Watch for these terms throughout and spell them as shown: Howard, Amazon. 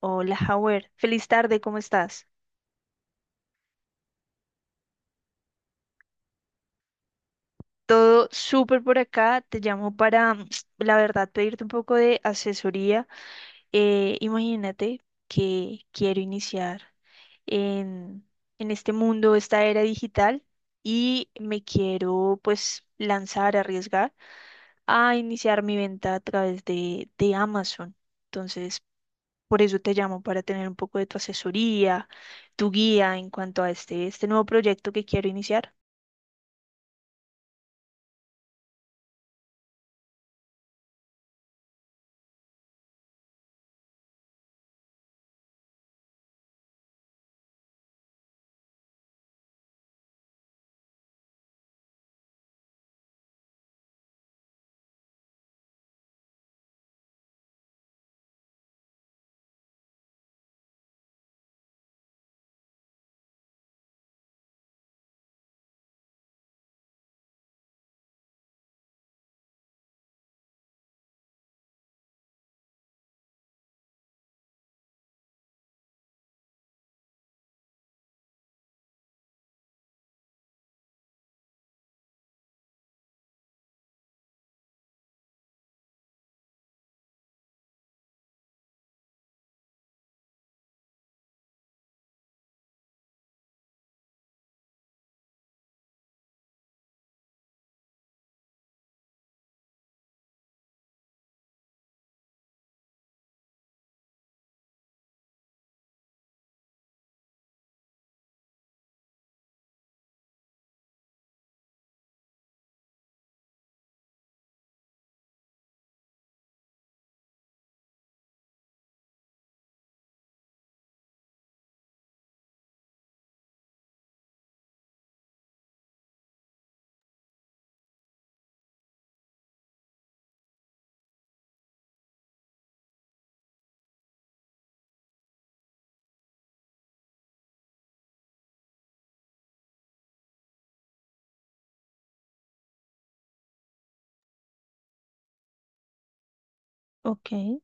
Hola, Howard. Feliz tarde, ¿cómo estás? Todo súper por acá. Te llamo para, la verdad, pedirte un poco de asesoría. Imagínate que quiero iniciar en, en este mundo, esta era digital, y me quiero pues lanzar, arriesgar a iniciar mi venta a través de Amazon. Entonces, por eso te llamo, para tener un poco de tu asesoría, tu guía en cuanto a este nuevo proyecto que quiero iniciar. Ok.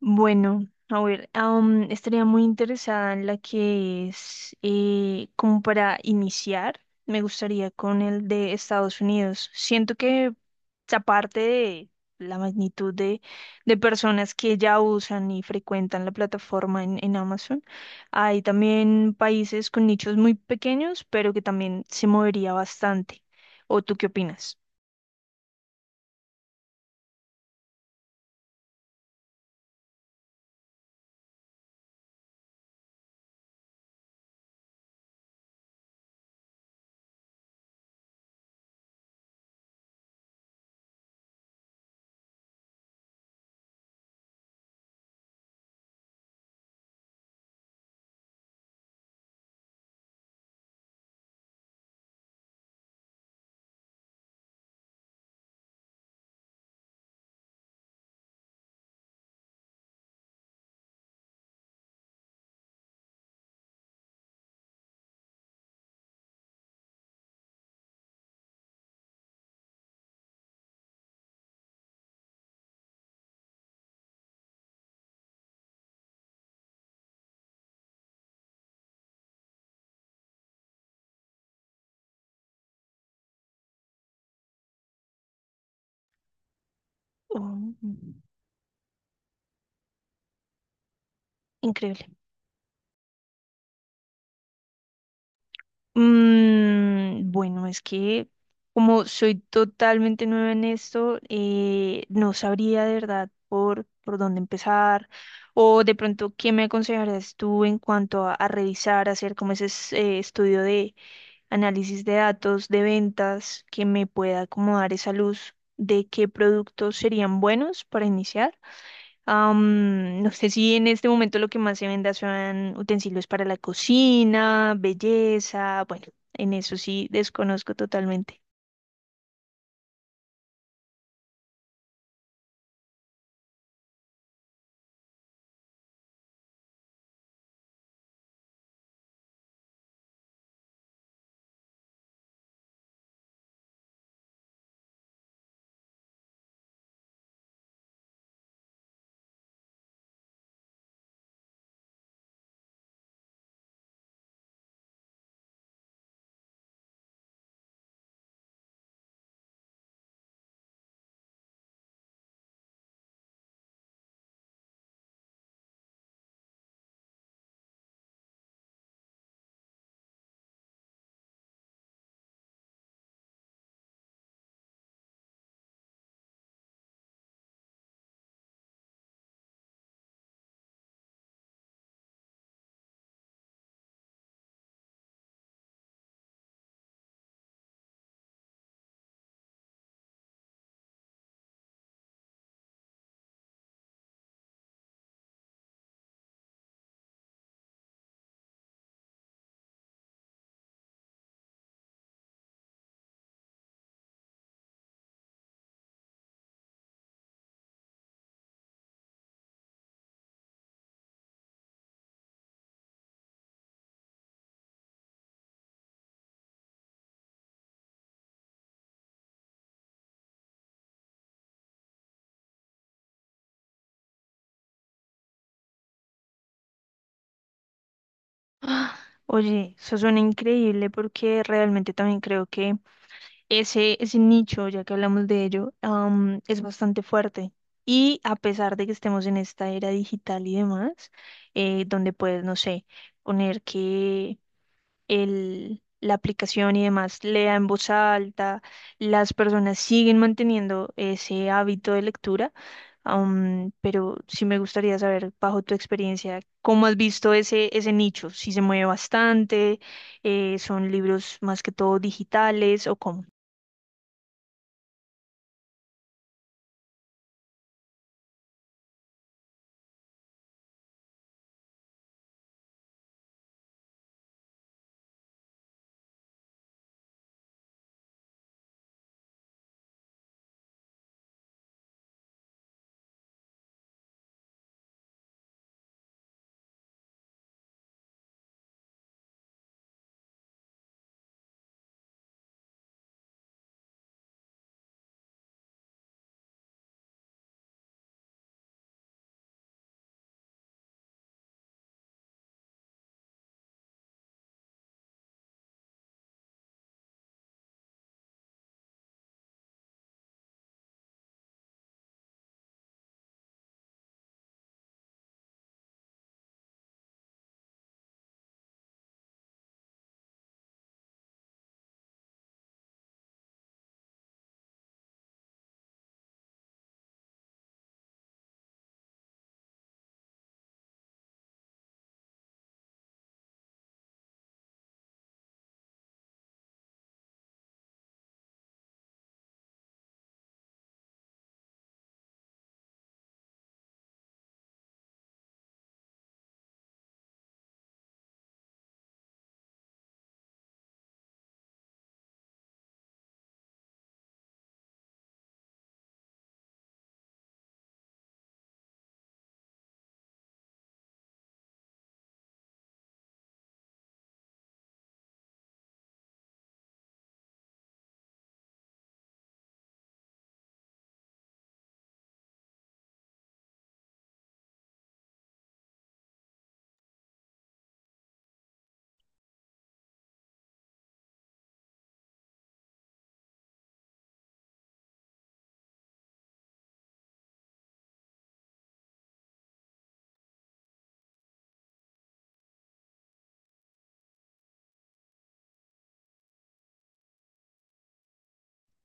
Bueno, a ver, estaría muy interesada en la que es como para iniciar, me gustaría con el de Estados Unidos. Siento que aparte de la magnitud de personas que ya usan y frecuentan la plataforma en Amazon, hay también países con nichos muy pequeños, pero que también se movería bastante. ¿O tú qué opinas? Oh, increíble. Bueno, es que como soy totalmente nueva en esto, no sabría de verdad por dónde empezar o de pronto qué me aconsejarías tú en cuanto a revisar, hacer como estudio de, análisis de datos, de ventas, que me pueda acomodar esa luz de qué productos serían buenos para iniciar. No sé si en este momento lo que más se venda son utensilios para la cocina, belleza, bueno, en eso sí desconozco totalmente. Ah, oye, eso suena increíble porque realmente también creo que ese nicho, ya que hablamos de ello, es bastante fuerte. Y a pesar de que estemos en esta era digital y demás, donde puedes, no sé, poner que la aplicación y demás lea en voz alta, las personas siguen manteniendo ese hábito de lectura, pero sí me gustaría saber, bajo tu experiencia, cómo has visto ese nicho, si se mueve bastante, son libros más que todo digitales o cómo.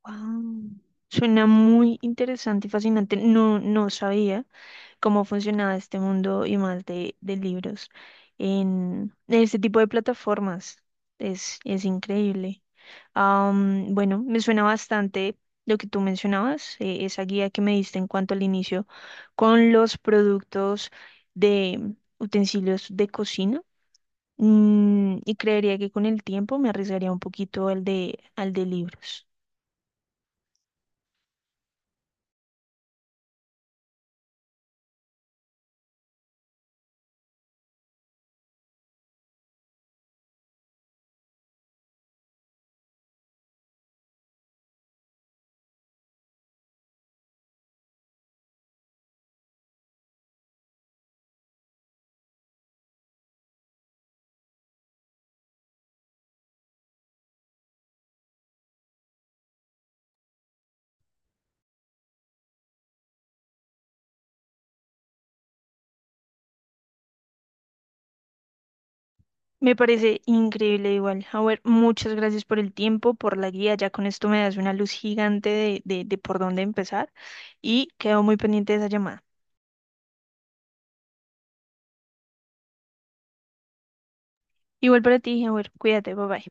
Wow. Suena muy interesante y fascinante. No, no sabía cómo funcionaba este mundo y más de libros en este tipo de plataformas. Es increíble. Bueno, me suena bastante lo que tú mencionabas, esa guía que me diste en cuanto al inicio con los productos de utensilios de cocina. Y creería que con el tiempo me arriesgaría un poquito al al de libros. Me parece increíble igual. A ver, muchas gracias por el tiempo, por la guía. Ya con esto me das una luz gigante de por dónde empezar y quedo muy pendiente de esa llamada. Igual para ti, a ver, cuídate, bye bye.